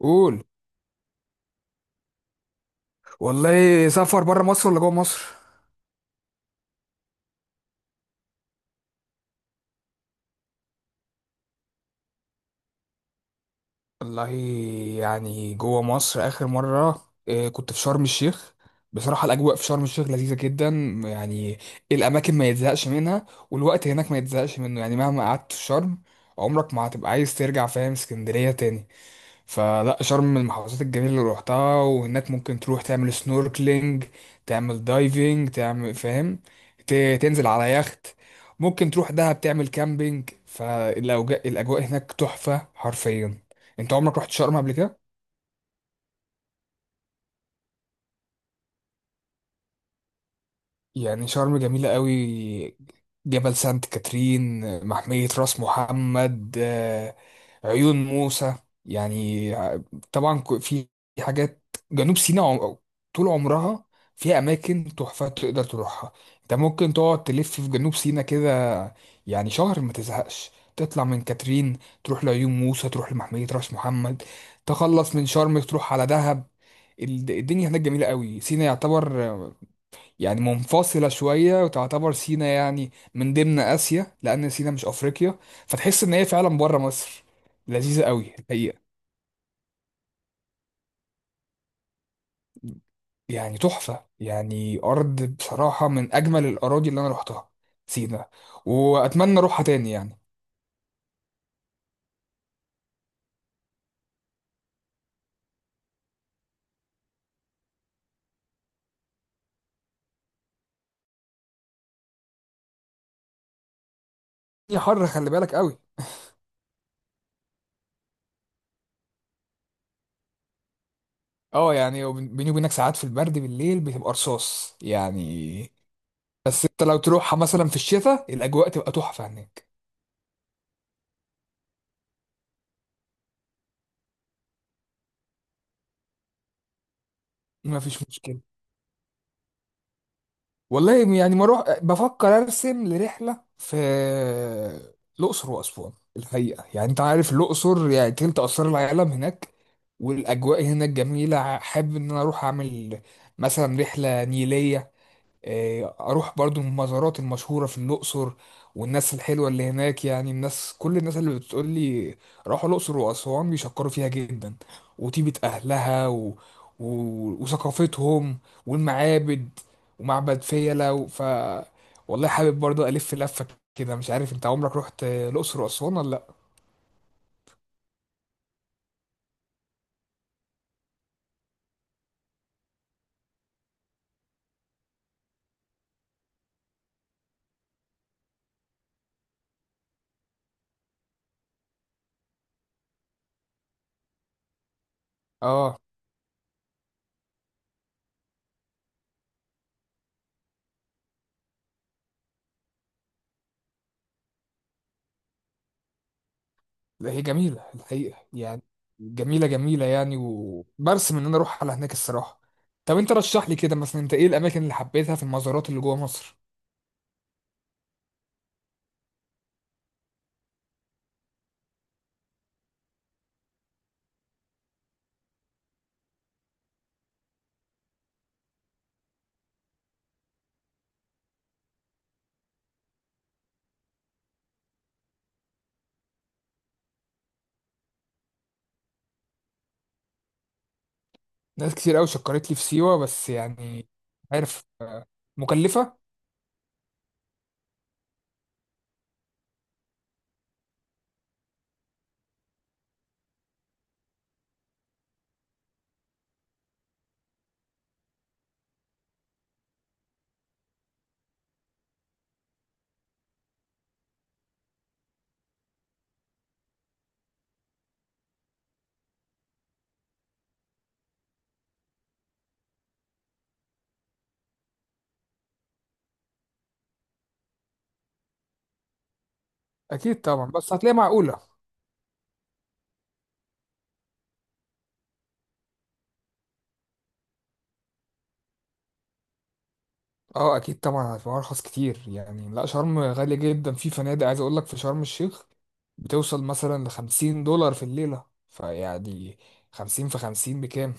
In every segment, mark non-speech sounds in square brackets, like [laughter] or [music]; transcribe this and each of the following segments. قول. والله سافر بره مصر ولا جوه مصر؟ والله يعني جوه مصر اخر مره، كنت في شرم الشيخ. بصراحه الاجواء في شرم الشيخ لذيذه جدا يعني، الاماكن ما يتزهقش منها والوقت هناك ما يتزهقش منه، يعني مهما قعدت في شرم عمرك ما هتبقى عايز ترجع، فاهم؟ اسكندريه تاني. فلا، شرم من المحافظات الجميلة اللي روحتها، وهناك ممكن تروح تعمل سنوركلينج، تعمل دايفنج، تعمل فاهم، تنزل على يخت، ممكن تروح دهب تعمل كامبينج، فالأجواء هناك تحفة حرفيا. انت عمرك رحت شرم قبل كده؟ يعني شرم جميلة قوي. جبل سانت كاترين، محمية راس محمد، عيون موسى، يعني طبعا، في حاجات جنوب سيناء طول عمرها فيها أماكن تحفة تقدر تروحها. أنت ممكن تقعد تلف في جنوب سيناء كده، يعني شهر ما تزهقش. تطلع من كاترين تروح لعيون موسى، تروح لمحمية راس محمد، تخلص من شرم تروح على دهب. الدنيا هناك جميلة قوي. سيناء يعتبر يعني منفصلة شوية، وتعتبر سينا يعني من ضمن آسيا لأن سينا مش أفريقيا، فتحس إن هي فعلا بره مصر. لذيذة قوي الحقيقة، يعني تحفة. يعني أرض بصراحة من أجمل الأراضي اللي أنا روحتها سينا، وأتمنى أروحها تاني يعني. هي حر، خلي بالك قوي. اه، يعني بيني وبينك ساعات في البرد بالليل بتبقى رصاص يعني. بس انت لو تروحها مثلا في الشتاء الأجواء تبقى تحفة هناك. مفيش مشكلة. والله يعني بروح بفكر ارسم لرحله في الاقصر واسوان الحقيقه، يعني انت عارف الاقصر يعني تلت اسرار العالم هناك، والاجواء هناك جميله. حابب ان انا اروح اعمل مثلا رحله نيليه، اروح برضو المزارات المشهوره في الاقصر، والناس الحلوه اللي هناك. يعني الناس كل الناس اللي بتقول لي راحوا الاقصر واسوان بيشكروا فيها جدا، وطيبه اهلها و... وثقافتهم والمعابد ومعبد فيلة و... ف والله حابب برضو الف لفه كده. مش عارف انت عمرك رحت الاقصر واسوان ولا لا. اه لا، هي جميلة الحقيقة يعني، جميلة جميلة يعني، وبرسم ان انا اروح على هناك الصراحة. طب انت رشح لي كده مثلا، انت ايه الاماكن اللي حبيتها في المزارات اللي جوه مصر؟ ناس كتير قوي شكرت لي في سيوة، بس يعني عارف، مكلفة. اكيد طبعا، بس هتلاقيها معقولة. اه اكيد طبعا هتبقى ارخص كتير يعني. لا شرم غالية جدا، في فنادق عايز اقول لك في شرم الشيخ بتوصل مثلا لـ50 دولار في الليلة، فيعني 50 في 50 بكام؟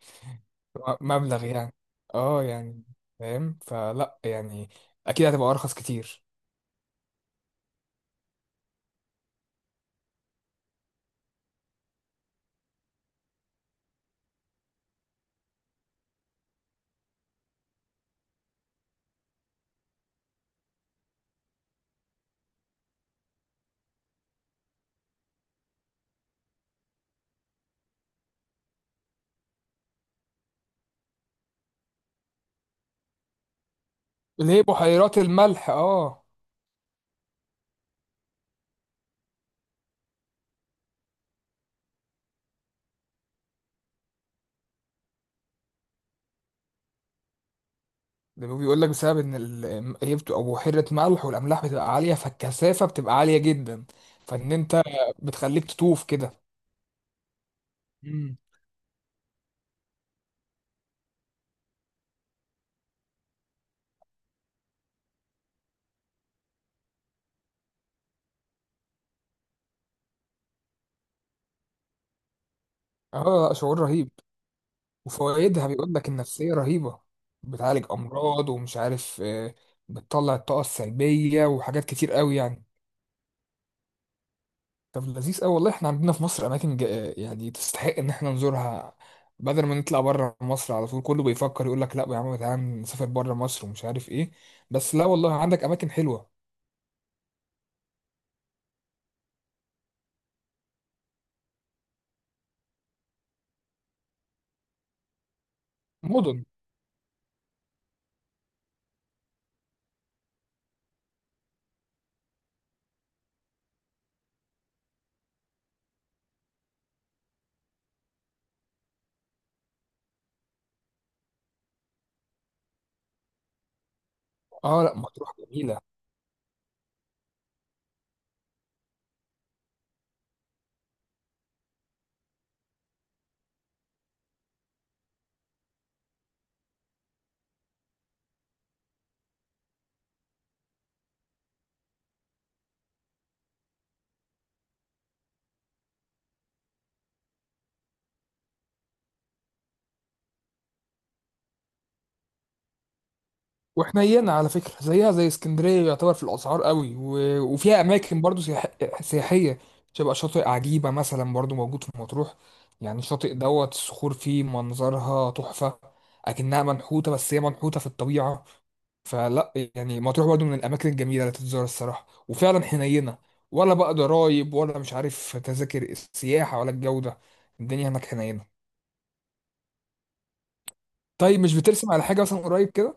[laughs] مبلغ يعني. اه يعني فاهم، فلا يعني اكيد هتبقى ارخص كتير. ليه؟ بحيرات الملح، اه. ده بيقول لك بسبب ان هي بتبقى بحيرة ملح، والاملاح بتبقى عالية فالكثافة بتبقى عالية جدا، فان انت بتخليك تطوف كده. اه شعور رهيب. وفوائدها بيقول لك النفسية رهيبة، بتعالج أمراض ومش عارف بتطلع الطاقة السلبية وحاجات كتير قوي يعني. طب لذيذ قوي. والله احنا عندنا في مصر أماكن يعني تستحق إن احنا نزورها، بدل ما نطلع بره مصر على طول. كله بيفكر يقول لك لا يا عم تعالى نسافر بره مصر ومش عارف ايه، بس لا والله عندك أماكن حلوة. مدن. اه لا مطروح جميلة. وحنينة على فكرة، زيها زي اسكندرية، يعتبر في الأسعار قوي وفيها أماكن برضو سياحية. شبه شاطئ عجيبة مثلا برضو موجود في مطروح، يعني الشاطئ دوت الصخور فيه منظرها تحفة، أكنها منحوتة بس هي منحوتة في الطبيعة. فلا يعني مطروح برضو من الأماكن الجميلة اللي تتزار الصراحة، وفعلا حنينة، ولا بقى ضرايب ولا مش عارف تذاكر السياحة ولا الجودة، الدنيا هناك حنينة. طيب مش بترسم على حاجة مثلا قريب كده؟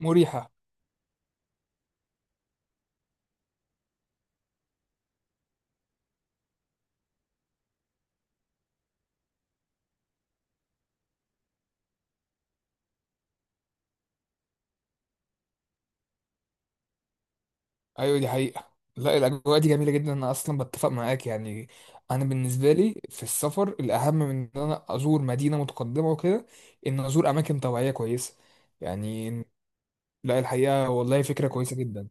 مريحة. ايوه دي حقيقة. لا الاجواء دي جميلة جدا، انا اصلا بتفق معاك يعني. انا بالنسبة لي في السفر الاهم من ان انا ازور مدينة متقدمة وكده، ان ازور اماكن طبيعية كويسة يعني. لا الحقيقة والله فكرة كويسة جدا.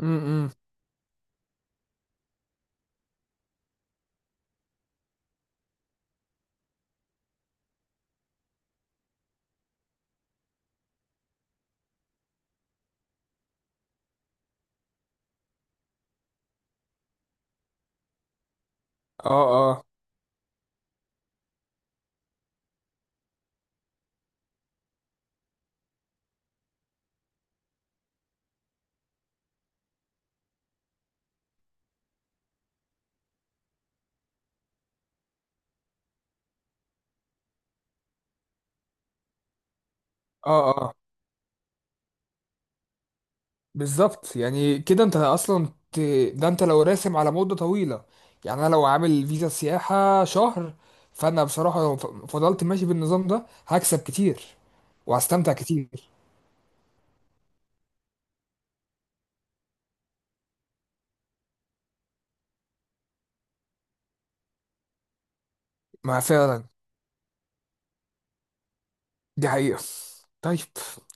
امم اه، اه، اه، اه، بالظبط. يعني كده انت اصلا ت... ده انت لو راسم على مدة طويلة، يعني انا لو عامل فيزا سياحة شهر، فانا بصراحة لو فضلت ماشي بالنظام ده هكسب كتير وهستمتع كتير. ما فعلا دي حقيقة. طيب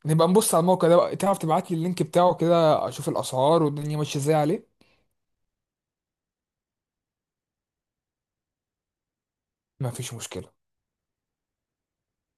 نبقى نبص على الموقع ده بقى، تعرف تبعت لي اللينك بتاعه كده اشوف الاسعار والدنيا ماشية ازاي عليه. مفيش مشكلة.